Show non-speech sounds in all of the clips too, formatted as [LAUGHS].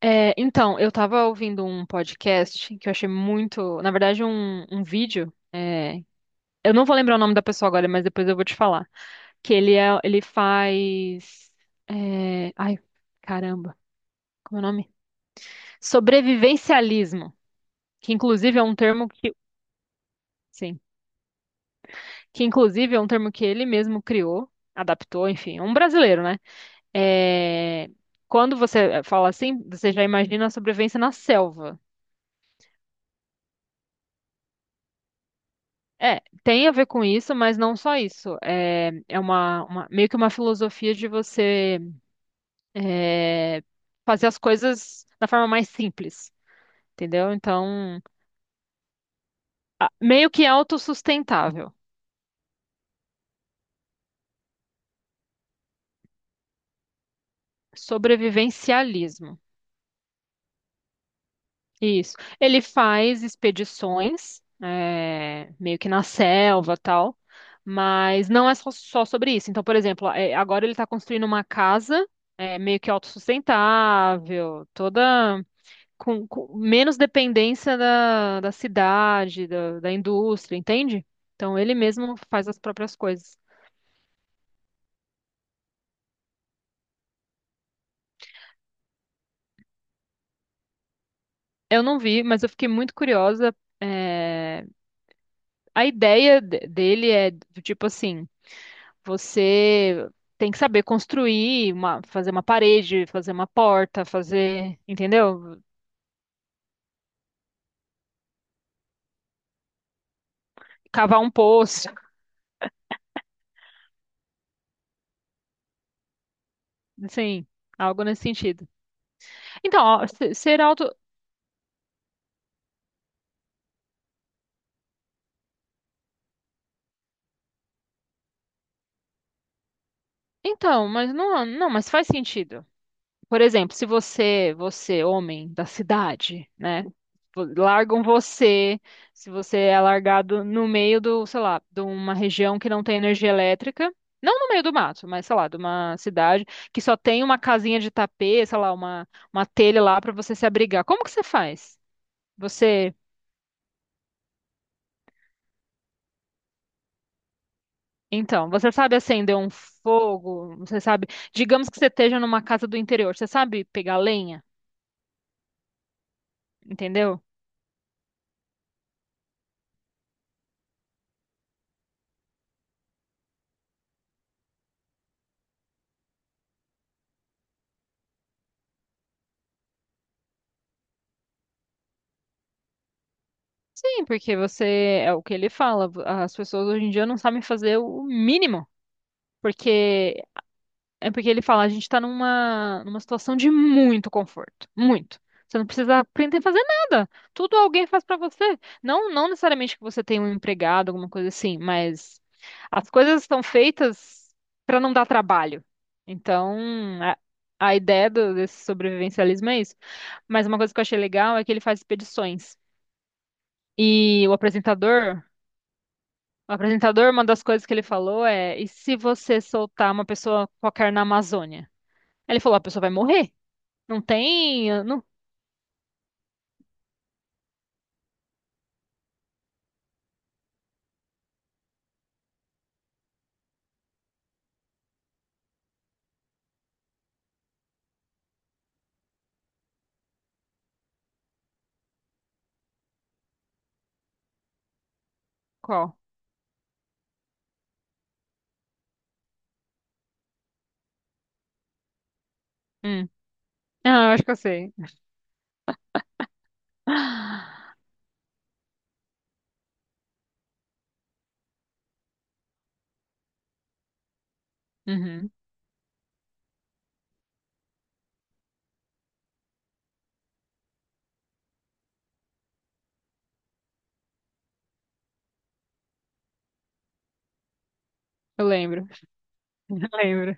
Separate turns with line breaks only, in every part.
Eu tava ouvindo um podcast que eu achei muito, na verdade, um vídeo. Eu não vou lembrar o nome da pessoa agora, mas depois eu vou te falar. Que ele faz, é, ai, caramba, como é o nome? Sobrevivencialismo, que inclusive é um termo que... Sim, que inclusive é um termo que ele mesmo criou, adaptou, enfim, é um brasileiro, né? É, quando você fala assim, você já imagina a sobrevivência na selva. É, tem a ver com isso, mas não só isso. É, é meio que uma filosofia de você é, fazer as coisas da forma mais simples, entendeu? Então, meio que autossustentável, sobrevivencialismo. Isso. Ele faz expedições, é, meio que na selva, tal, mas não é só sobre isso. Então, por exemplo, é, agora ele está construindo uma casa, é, meio que autossustentável, toda, com menos dependência da cidade, da indústria, entende? Então ele mesmo faz as próprias coisas. Eu não vi, mas eu fiquei muito curiosa. É, a dele é do tipo assim, você tem que saber construir, fazer uma parede, fazer uma porta, fazer, entendeu? Cavar um poço, assim, algo nesse sentido. Então, ó, ser auto... Então, mas não, mas faz sentido. Por exemplo, se você, homem da cidade, né? Largam você, se você é largado no meio do, sei lá, de uma região que não tem energia elétrica, não no meio do mato, mas sei lá, de uma cidade que só tem uma casinha de tapete, sei lá, uma telha lá para você se abrigar. Como que você faz? Você, então, você sabe acender um fogo, você sabe, digamos que você esteja numa casa do interior, você sabe pegar lenha, entendeu? Sim, porque você, é o que ele fala, as pessoas hoje em dia não sabem fazer o mínimo, porque é porque ele fala, a gente tá numa situação de muito conforto, muito. Você não precisa aprender a fazer nada. Tudo alguém faz pra você. Não necessariamente que você tenha um empregado, alguma coisa assim, mas as coisas estão feitas pra não dar trabalho. Então, a, a ideia desse sobrevivencialismo é isso. Mas uma coisa que eu achei legal é que ele faz expedições. E o apresentador O apresentador, uma das coisas que ele falou é: e se você soltar uma pessoa qualquer na Amazônia? Aí ele falou: a pessoa vai morrer. Não tem. Não... Qual? Hum. Ah, eu acho que eu sei. [GASPS] [SIGHS] Uhum, eu lembro. [LAUGHS] Eu lembro.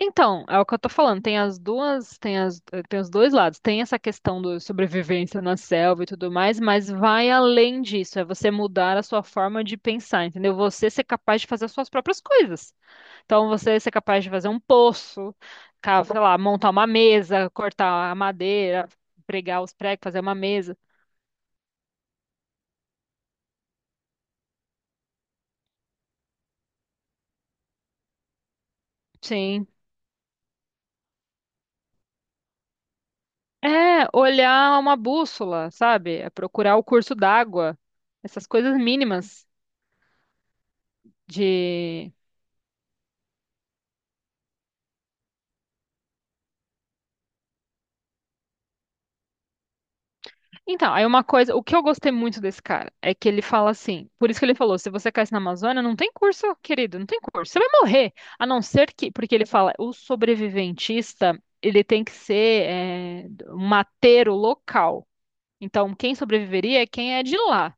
Então, é o que eu tô falando. Tem as tem os dois lados. Tem essa questão do sobrevivência na selva e tudo mais, mas vai além disso. É você mudar a sua forma de pensar, entendeu? Você ser capaz de fazer as suas próprias coisas. Então você ser capaz de fazer um poço, sei lá, montar uma mesa, cortar a madeira, pregar os pregos, fazer uma mesa. Sim. É, olhar uma bússola, sabe? É procurar o curso d'água. Essas coisas mínimas de... Então, aí uma coisa, o que eu gostei muito desse cara é que ele fala assim, por isso que ele falou, se você caísse na Amazônia, não tem curso, querido, não tem curso, você vai morrer, a não ser que, porque ele fala, o sobreviventista, ele tem que ser é, um mateiro local, então quem sobreviveria é quem é de lá,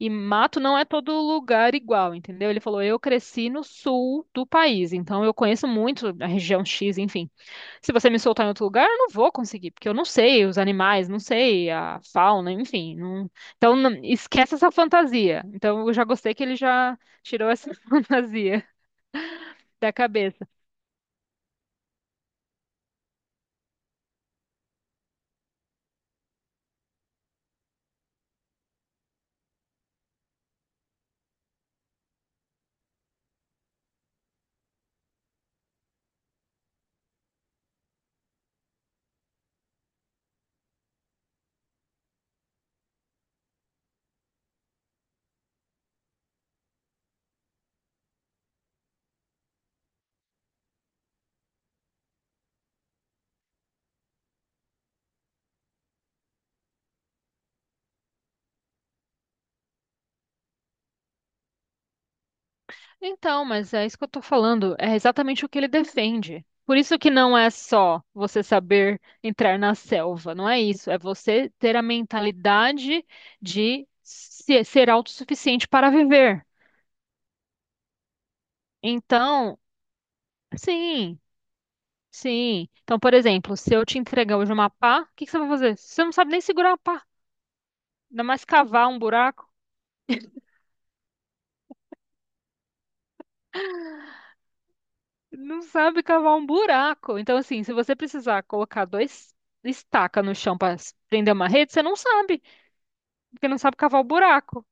e mato não é todo lugar igual, entendeu? Ele falou, eu cresci no sul do país, então eu conheço muito a região X, enfim, se você me soltar em outro lugar, eu não vou conseguir, porque eu não sei os animais, não sei a fauna, enfim. Então, esquece essa fantasia. Então, eu já gostei que ele já tirou essa [LAUGHS] fantasia da cabeça. Então, mas é isso que eu tô falando, é exatamente o que ele defende. Por isso que não é só você saber entrar na selva, não é isso. É você ter a mentalidade de ser autossuficiente para viver. Então, sim. Sim. Então, por exemplo, se eu te entregar hoje uma pá, o que que você vai fazer? Você não sabe nem segurar a pá, ainda mais cavar um buraco. Não sabe cavar um buraco. Então, assim, se você precisar colocar dois estaca no chão para prender uma rede, você não sabe, porque não sabe cavar o buraco.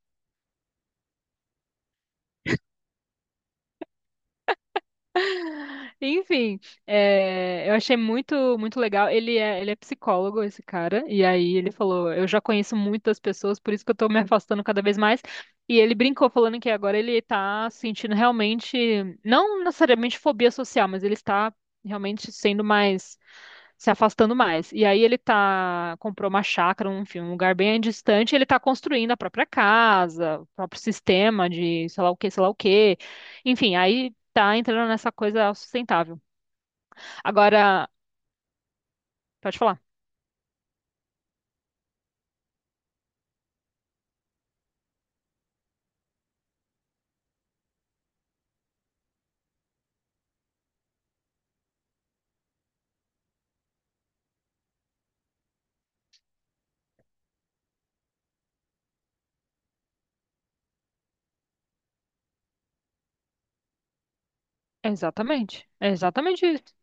Enfim, é, eu achei muito, muito legal. Ele é psicólogo, esse cara, e aí ele falou: eu já conheço muitas pessoas, por isso que eu tô me afastando cada vez mais. E ele brincou falando que agora ele tá sentindo realmente, não necessariamente fobia social, mas ele está realmente sendo mais, se afastando mais. E aí ele tá, comprou uma chácara, um, enfim, um lugar bem distante, e ele tá construindo a própria casa, o próprio sistema de sei lá o que, sei lá o que. Enfim, aí tá entrando nessa coisa sustentável. Agora, pode falar. Exatamente. É exatamente isso.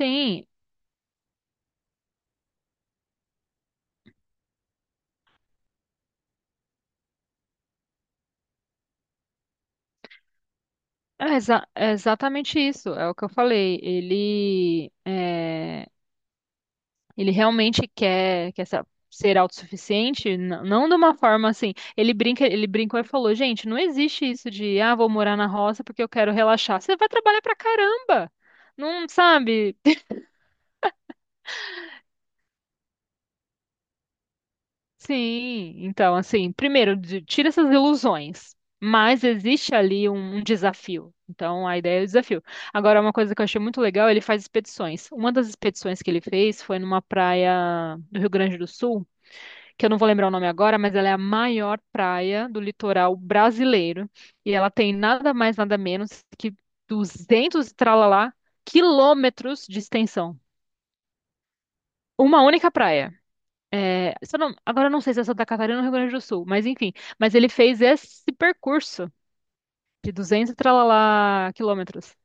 Sim, é, é exatamente isso. É o que eu falei. Ele realmente quer ser autossuficiente, não de uma forma assim. Ele brincou e falou, gente, não existe isso de, ah, vou morar na roça porque eu quero relaxar. Você vai trabalhar pra caramba. Não sabe? Sim, então, assim, primeiro, tira essas ilusões, mas existe ali um desafio. Então, a ideia é o desafio. Agora, uma coisa que eu achei muito legal, ele faz expedições. Uma das expedições que ele fez foi numa praia do Rio Grande do Sul, que eu não vou lembrar o nome agora, mas ela é a maior praia do litoral brasileiro. E ela tem nada mais, nada menos que 200 e tralalá quilômetros de extensão. Uma única praia. É, se eu não- agora eu não sei se é Santa Catarina ou Rio Grande do Sul, mas enfim. Mas ele fez esse percurso de 200 e tralalá quilômetros.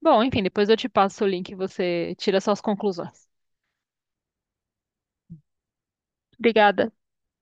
Bom, enfim, depois eu te passo o link e você tira suas conclusões. Obrigada.